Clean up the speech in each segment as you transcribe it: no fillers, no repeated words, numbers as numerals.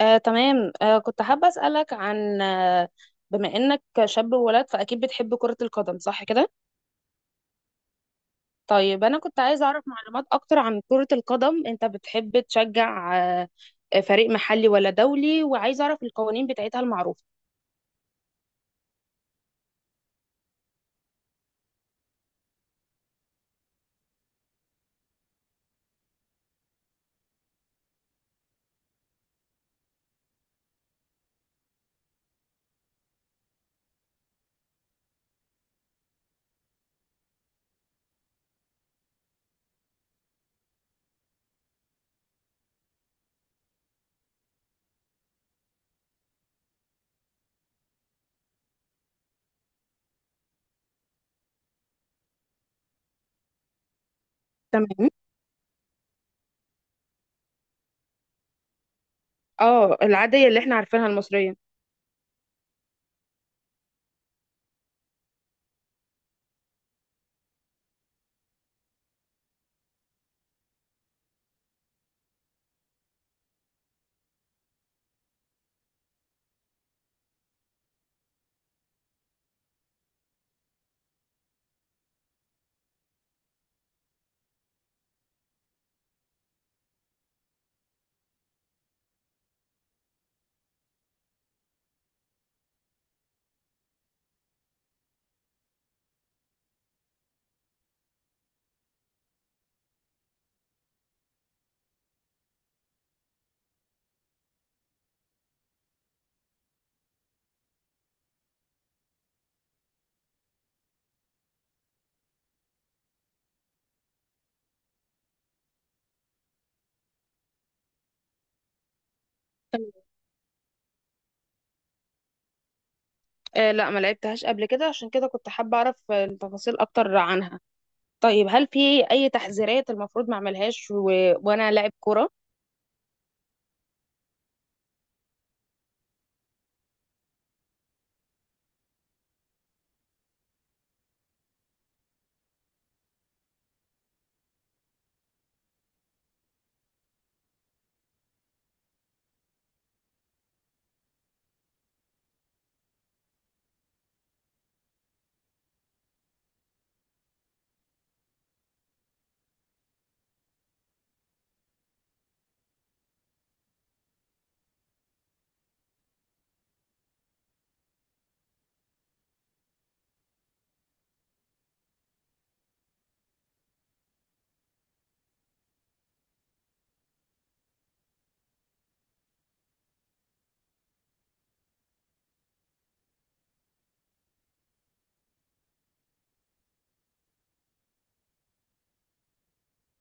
تمام. كنت حابة أسألك عن بما إنك شاب وولد فأكيد بتحب كرة القدم، صح كده؟ طيب، أنا كنت عايزة أعرف معلومات أكتر عن كرة القدم. أنت بتحب تشجع فريق محلي ولا دولي، وعايزة أعرف القوانين بتاعتها المعروفة. تمام. اه، العادية اللي احنا عارفينها المصرية. تمام. آه لا، ما لعبتهاش قبل كده، عشان كده كنت حابة أعرف التفاصيل أكتر عنها. طيب، هل في أي تحذيرات المفروض ما أعملهاش، و... وأنا لاعب كرة؟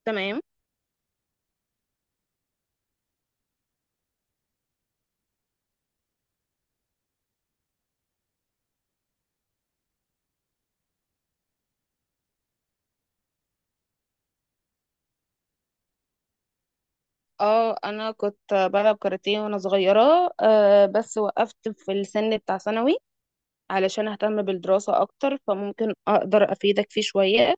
تمام. اه، انا كنت بلعب كاراتيه وانا صغيره، بس وقفت في السن بتاع ثانوي علشان اهتم بالدراسه اكتر، فممكن اقدر افيدك فيه شويه.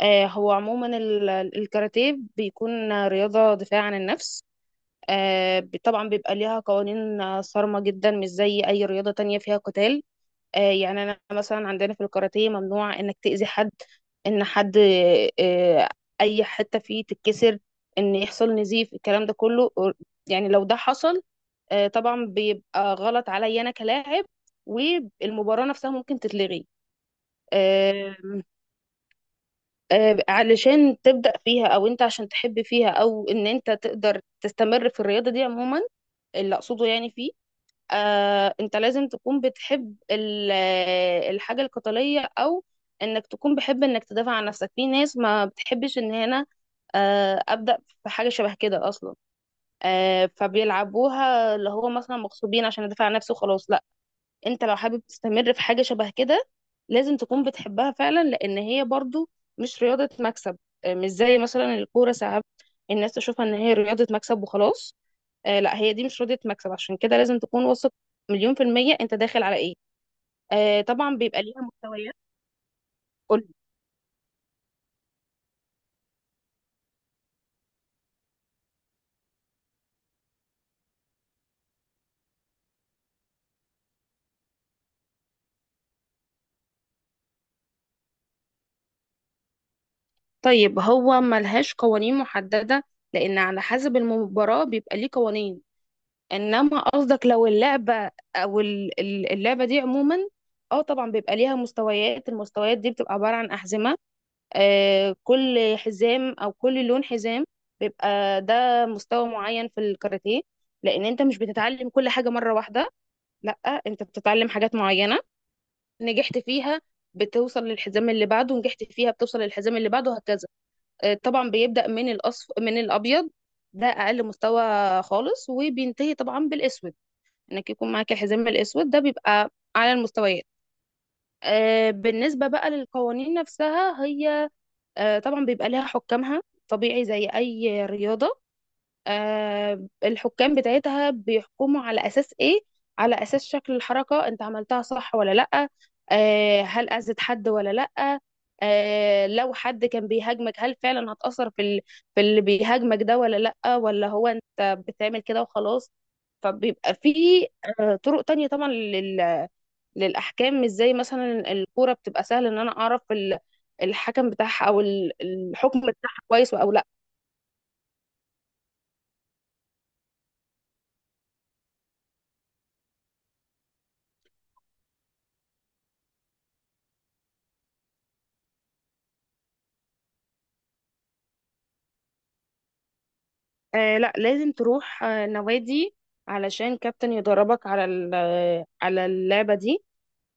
هو عموما الكاراتيه بيكون رياضه دفاع عن النفس. طبعا بيبقى ليها قوانين صارمه جدا، مش زي اي رياضه تانية فيها قتال. يعني انا مثلا عندنا في الكاراتيه ممنوع انك تأذي حد، ان حد آه، اي حتة فيه تتكسر، ان يحصل نزيف، الكلام ده كله. يعني لو ده حصل طبعا بيبقى غلط عليا انا كلاعب، والمباراة نفسها ممكن تتلغي. آه، علشان تبدأ فيها، او انت عشان تحب فيها، او ان انت تقدر تستمر في الرياضة دي عموما، اللي اقصده يعني فيه انت لازم تكون بتحب الحاجة القتالية، او انك تكون بحب انك تدافع عن نفسك. في ناس ما بتحبش ان هنا ابدا في حاجة شبه كده اصلا، فبيلعبوها اللي هو مثلا مغصوبين، عشان ادافع عن نفسي وخلاص، لا. انت لو حابب تستمر في حاجة شبه كده، لازم تكون بتحبها فعلا، لان هي برضو مش رياضة مكسب. مش زي مثلا الكورة، ساعات الناس تشوفها ان هي رياضة مكسب وخلاص. لا، هي دي مش راضية مكسب، عشان كده لازم تكون واثق مليون في المية انت داخل على ايه. طبعا بيبقى ليها مستويات. قولي. طيب، هو ملهاش قوانين محددة لأن على حسب المباراة بيبقى ليه قوانين. إنما قصدك لو اللعبة أو اللعبة دي عموما، اه طبعا بيبقى ليها مستويات. المستويات دي بتبقى عبارة عن أحزمة. كل حزام أو كل لون حزام بيبقى ده مستوى معين في الكاراتيه، لأن أنت مش بتتعلم كل حاجة مرة واحدة، لا، انت بتتعلم حاجات معينة نجحت فيها بتوصل للحزام اللي بعده، نجحت فيها بتوصل للحزام اللي بعده، وهكذا. طبعا بيبدأ من الأصف، من الأبيض، ده أقل مستوى خالص، وبينتهي طبعا بالأسود. إنك يكون معاك الحزام الأسود، ده بيبقى على المستويات. بالنسبة بقى للقوانين نفسها، هي طبعا بيبقى لها حكامها، طبيعي زي أي رياضة. الحكام بتاعتها بيحكموا على اساس ايه؟ على اساس شكل الحركه، انت عملتها صح ولا لا، هل اذت حد ولا لا، لو حد كان بيهاجمك هل فعلا هتأثر في في اللي بيهاجمك ده، ولا لا، ولا هو انت بتعمل كده وخلاص. فبيبقى في طرق تانية طبعا للأحكام، مش زي مثلا الكورة بتبقى سهل إن أنا أعرف الحكم بتاعها، أو الحكم بتاعها كويس أو لأ. لا، لازم تروح نوادي علشان كابتن يدربك على على اللعبة دي.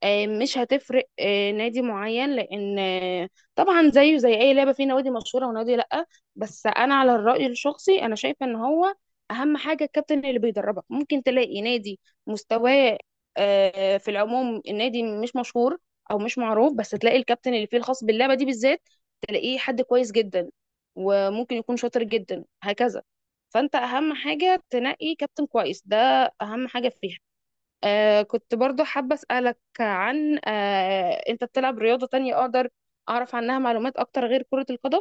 مش هتفرق نادي معين، لان طبعا زيه زي اي لعبه، في نوادي مشهوره ونوادي لا. بس انا على الراي الشخصي انا شايفه ان هو اهم حاجه الكابتن اللي بيدربك. ممكن تلاقي نادي مستواه في العموم النادي مش مشهور او مش معروف، بس تلاقي الكابتن اللي فيه الخاص باللعبه دي بالذات، تلاقيه حد كويس جدا، وممكن يكون شاطر جدا، هكذا. فانت اهم حاجه تنقي كابتن كويس، ده اهم حاجه فيها. كنت برضو حابة أسألك عن أنت بتلعب رياضة تانية أقدر أعرف عنها معلومات أكتر غير كرة القدم؟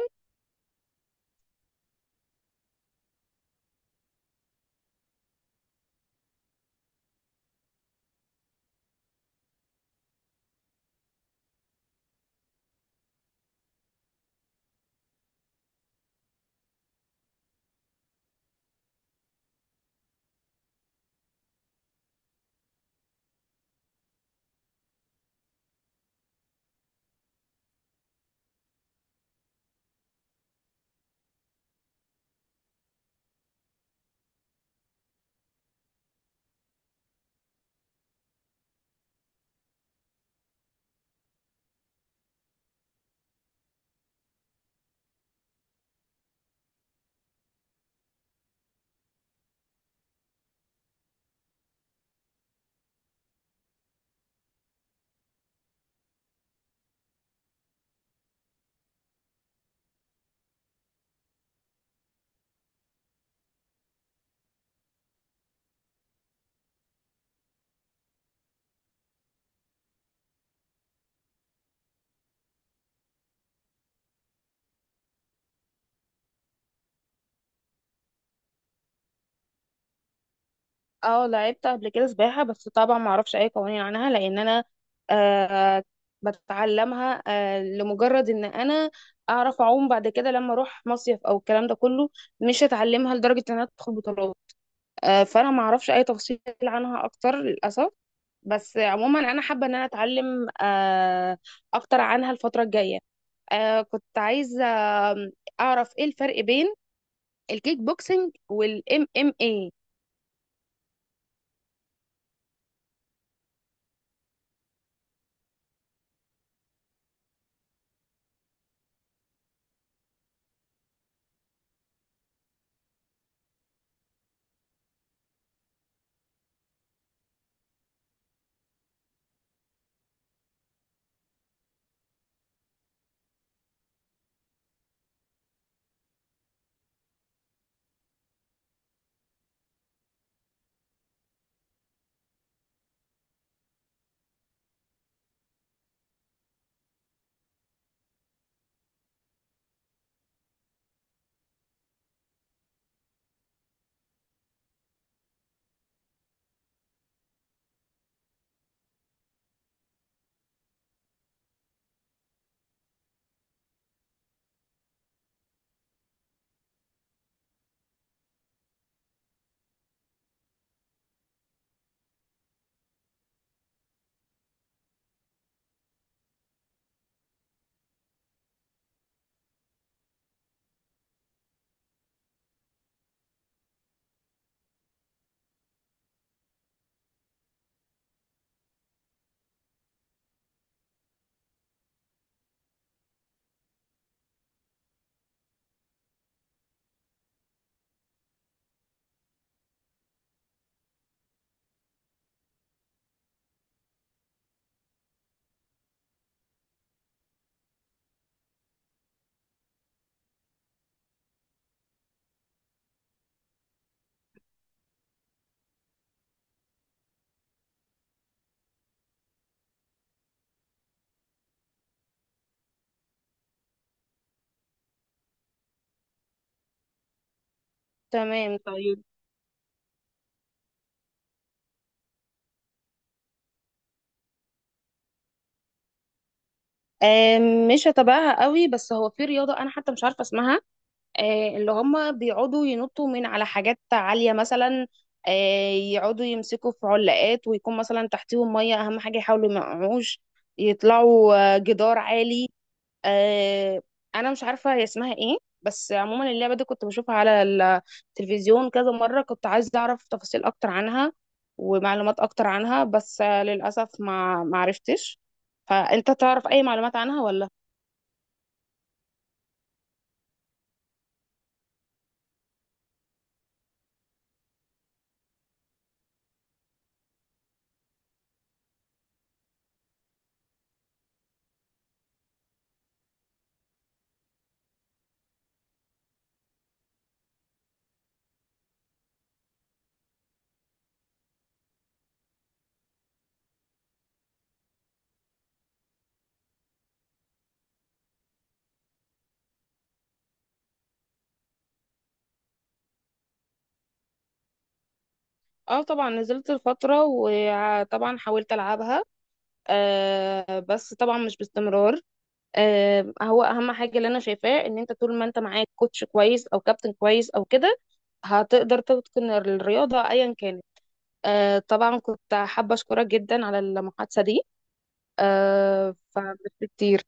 أه، لعبت قبل كده سباحة، بس طبعا ما أعرفش أي قوانين عنها لأن أنا آه بتعلمها لمجرد إن أنا أعرف أعوم بعد كده لما أروح مصيف أو الكلام ده كله، مش هتعلمها لدرجة إن أنا أدخل بطولات. فأنا ما أعرفش أي تفاصيل عنها أكتر للأسف. بس عموما أنا حابة إن أنا أتعلم أكتر عنها الفترة الجاية. كنت عايزة آم، أعرف إيه الفرق بين الكيك بوكسينج والإم إم إيه. تمام، طيب. مش هتابعها قوي، بس هو في رياضة أنا حتى مش عارفة اسمها، اللي هم بيقعدوا ينطوا من على حاجات عالية مثلا، يقعدوا يمسكوا في علاقات ويكون مثلا تحتيهم مية، أهم حاجة يحاولوا ما يقعوش، يطلعوا جدار عالي. آه انا مش عارفه هي اسمها ايه، بس عموما اللعبه دي كنت بشوفها على التلفزيون كذا مره، كنت عايزه اعرف تفاصيل اكتر عنها ومعلومات اكتر عنها، بس للاسف ما عرفتش. فانت تعرف اي معلومات عنها ولا؟ اه طبعا، نزلت الفتره وطبعا حاولت العبها، بس طبعا مش باستمرار. هو اهم حاجه اللي انا شايفاه ان انت طول ما انت معاك كوتش كويس او كابتن كويس او كده، هتقدر تتقن الرياضه ايا كانت. طبعا كنت حابة أشكرك جدا على المحادثة دي، فمش كتير.